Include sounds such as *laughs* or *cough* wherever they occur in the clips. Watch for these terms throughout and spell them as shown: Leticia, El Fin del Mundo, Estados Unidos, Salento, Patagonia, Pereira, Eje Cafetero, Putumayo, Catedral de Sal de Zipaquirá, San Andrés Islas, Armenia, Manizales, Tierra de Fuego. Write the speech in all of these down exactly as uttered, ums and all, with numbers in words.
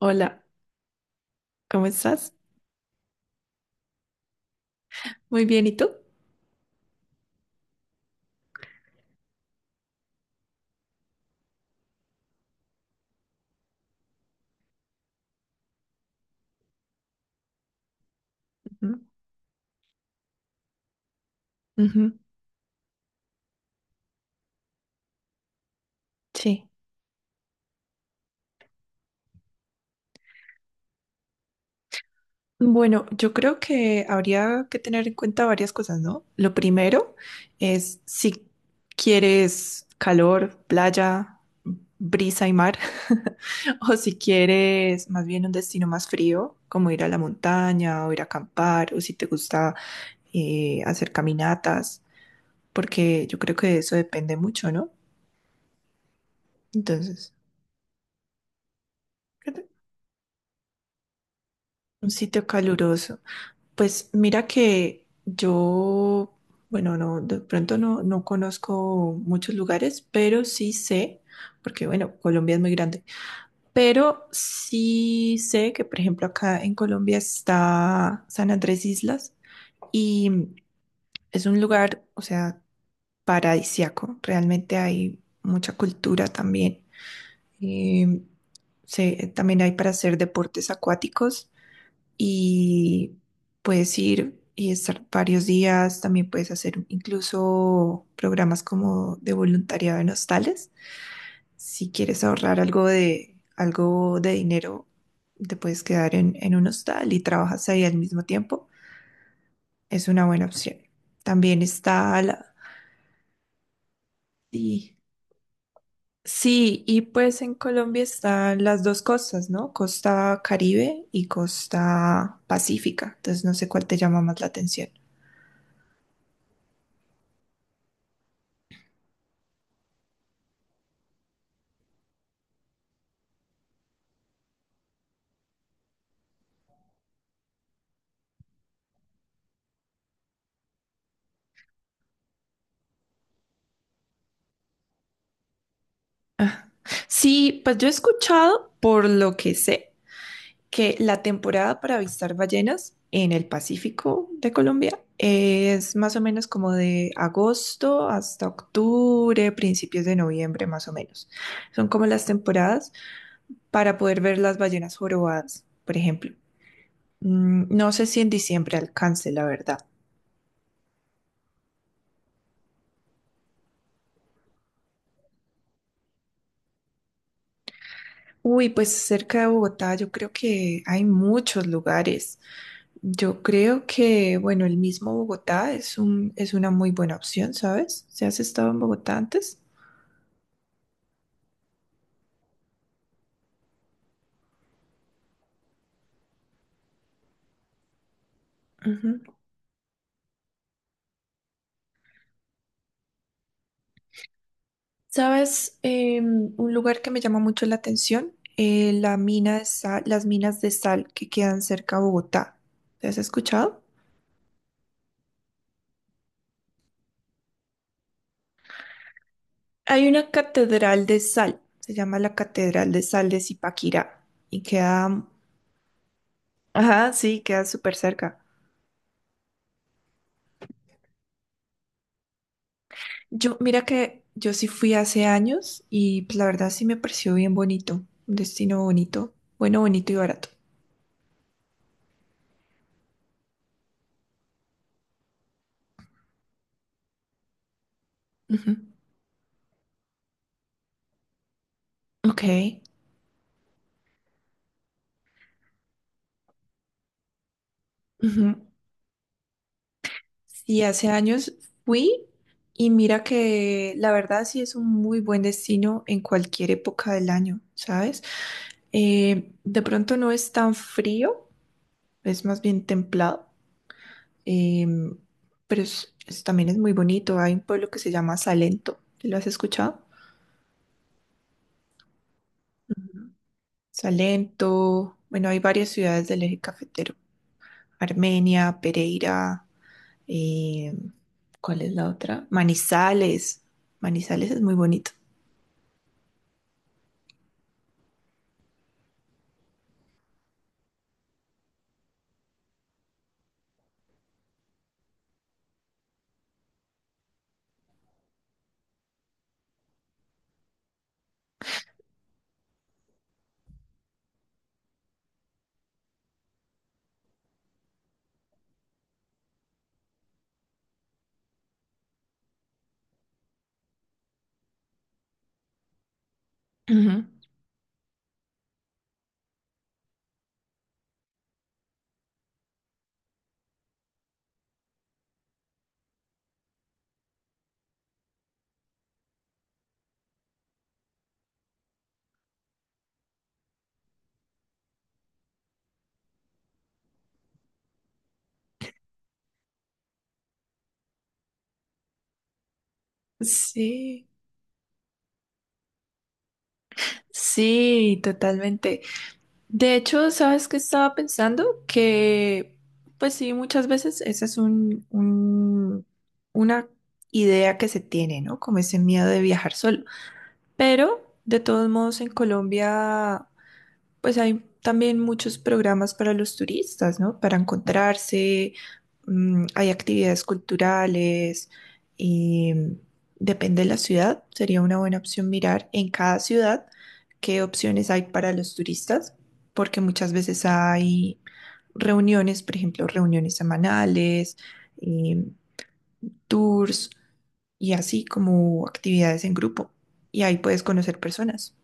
Hola, ¿cómo estás? Muy bien, ¿y tú? Ujú, ujú. Sí. Bueno, yo creo que habría que tener en cuenta varias cosas, ¿no? Lo primero es si quieres calor, playa, brisa y mar, *laughs* o si quieres más bien un destino más frío, como ir a la montaña o ir a acampar, o si te gusta eh, hacer caminatas, porque yo creo que eso depende mucho, ¿no? Entonces, un sitio caluroso. Pues mira que yo, bueno, no, de pronto no, no conozco muchos lugares, pero sí sé, porque bueno, Colombia es muy grande, pero sí sé que, por ejemplo, acá en Colombia está San Andrés Islas y es un lugar, o sea, paradisíaco. Realmente hay mucha cultura también. Em, se- también hay para hacer deportes acuáticos y puedes ir y estar varios días. También puedes hacer incluso programas como de voluntariado en hostales. Si quieres ahorrar algo de, algo de dinero, te puedes quedar en, en un hostal y trabajas ahí al mismo tiempo. Es una buena opción. También está la... Sí, sí, y pues en Colombia están las dos costas, ¿no? Costa Caribe y costa Pacífica. Entonces no sé cuál te llama más la atención. Sí, pues yo he escuchado, por lo que sé, que la temporada para avistar ballenas en el Pacífico de Colombia es más o menos como de agosto hasta octubre, principios de noviembre, más o menos. Son como las temporadas para poder ver las ballenas jorobadas, por ejemplo. Mm, no sé si en diciembre alcance, la verdad. Uy, pues cerca de Bogotá yo creo que hay muchos lugares. Yo creo que, bueno, el mismo Bogotá es un, es una muy buena opción, ¿sabes? ¿Si has estado en Bogotá antes? Ujú. ¿Sabes? Eh, un lugar que me llama mucho la atención, eh, la mina de sal- las minas de sal que quedan cerca a Bogotá. ¿Te has escuchado? Hay una catedral de sal, se llama la Catedral de Sal de Zipaquirá y queda, ajá, sí, queda súper cerca. Yo, mira que yo sí fui hace años y pues, la verdad sí me pareció bien bonito. Un destino bonito, bueno, bonito y barato. Ujú. Ok. Ujú. Sí, hace años fui y mira que la verdad sí es un muy buen destino en cualquier época del año, ¿sabes? Eh, de pronto no es tan frío, es más bien templado, em, pero es- es- también es muy bonito. Hay un pueblo que se llama Salento. ¿Lo has escuchado? Ujú. Salento, bueno, hay varias ciudades del eje cafetero. Armenia, Pereira, eh, ¿cuál es la otra? Manizales. Manizales es muy bonito. Ujú. Sí, sí, totalmente. De hecho, ¿sabes qué estaba pensando? Que, pues sí, muchas veces esa es un, un- una idea que se tiene, ¿no? Como ese miedo de viajar solo. Pero, de todos modos, en Colombia pues hay también muchos programas para los turistas, ¿no? Para encontrarse, mm, hay actividades culturales y mm, depende de la ciudad, sería una buena opción mirar en cada ciudad qué opciones hay para los turistas, porque muchas veces hay reuniones, por ejemplo, reuniones semanales, eh, tours y así como actividades en grupo, y ahí puedes conocer personas.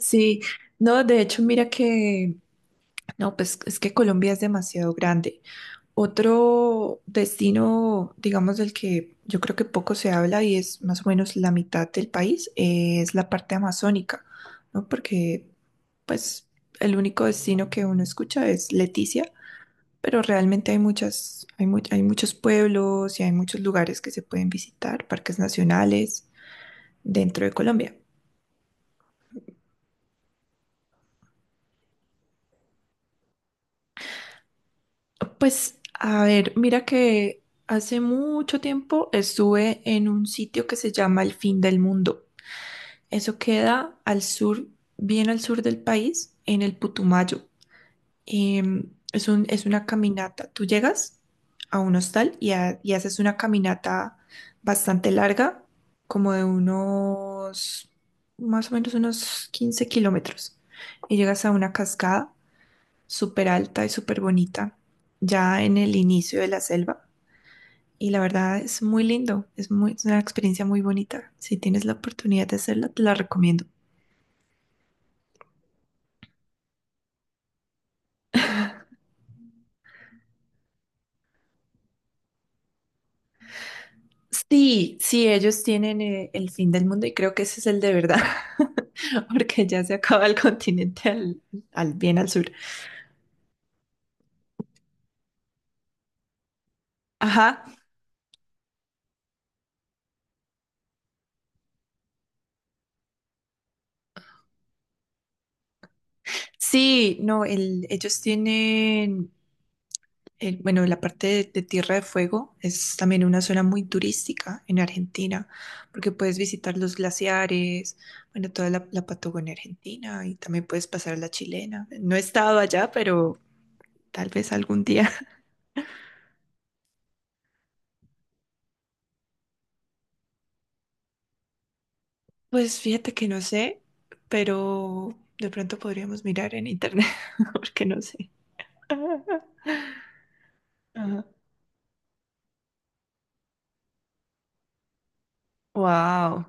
Sí, no, de hecho, mira que no, pues es que Colombia es demasiado grande. Otro destino, digamos, del que yo creo que poco se habla y es más o menos la mitad del país, eh, es la parte amazónica, ¿no? Porque, pues, el único destino que uno escucha es Leticia, pero realmente hay muchas, hay mu- hay muchos pueblos y hay muchos lugares que se pueden visitar, parques nacionales dentro de Colombia. Pues, a ver, mira que hace mucho tiempo estuve en un sitio que se llama El Fin del Mundo. Eso queda al sur, bien al sur del país, en el Putumayo. Em, es un, es una caminata. Tú llegas a un hostal y, ha- y haces una caminata bastante larga, como de unos, más o menos unos quince kilómetros. Y llegas a una cascada súper alta y súper bonita, ya en el inicio de la selva. Y la verdad es muy lindo, es muy, es una experiencia muy bonita. Si tienes la oportunidad de hacerla, te la recomiendo. Sí, sí, ellos tienen eh, el fin del mundo y creo que ese es el de verdad, *laughs* porque ya se acaba el continente al, al- bien al sur. Ajá, sí, no, el- ellos tienen eh, bueno, la parte de, de Tierra de Fuego es también una zona muy turística en Argentina, porque puedes visitar los glaciares, bueno, toda la, la Patagonia Argentina y también puedes pasar a la chilena. No he estado allá, pero tal vez algún día. *laughs* Pues fíjate que no sé, pero de pronto podríamos mirar en internet, *laughs* porque no sé. Wow,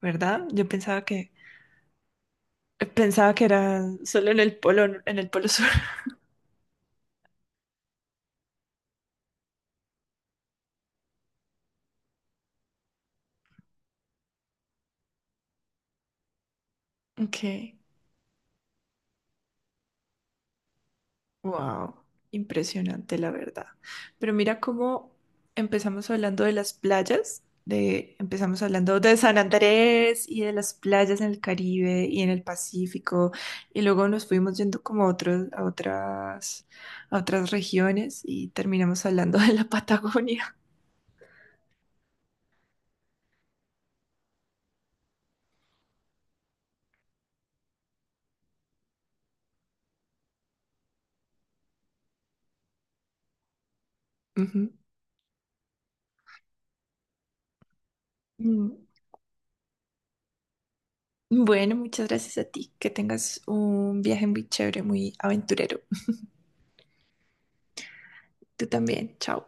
¿verdad? Yo pensaba que pensaba que era solo en el polo, en el polo sur. *laughs* Ok. Wow, impresionante la verdad. Pero mira cómo empezamos hablando de las playas, de empezamos hablando de San Andrés y de las playas en el Caribe y en el Pacífico y luego nos fuimos yendo como a otros a otras a otras regiones y terminamos hablando de la *laughs* Patagonia. Ujú. Mm. Bueno, muchas gracias a ti. Que tengas un viaje muy chévere, muy aventurero. Tú también. Chao.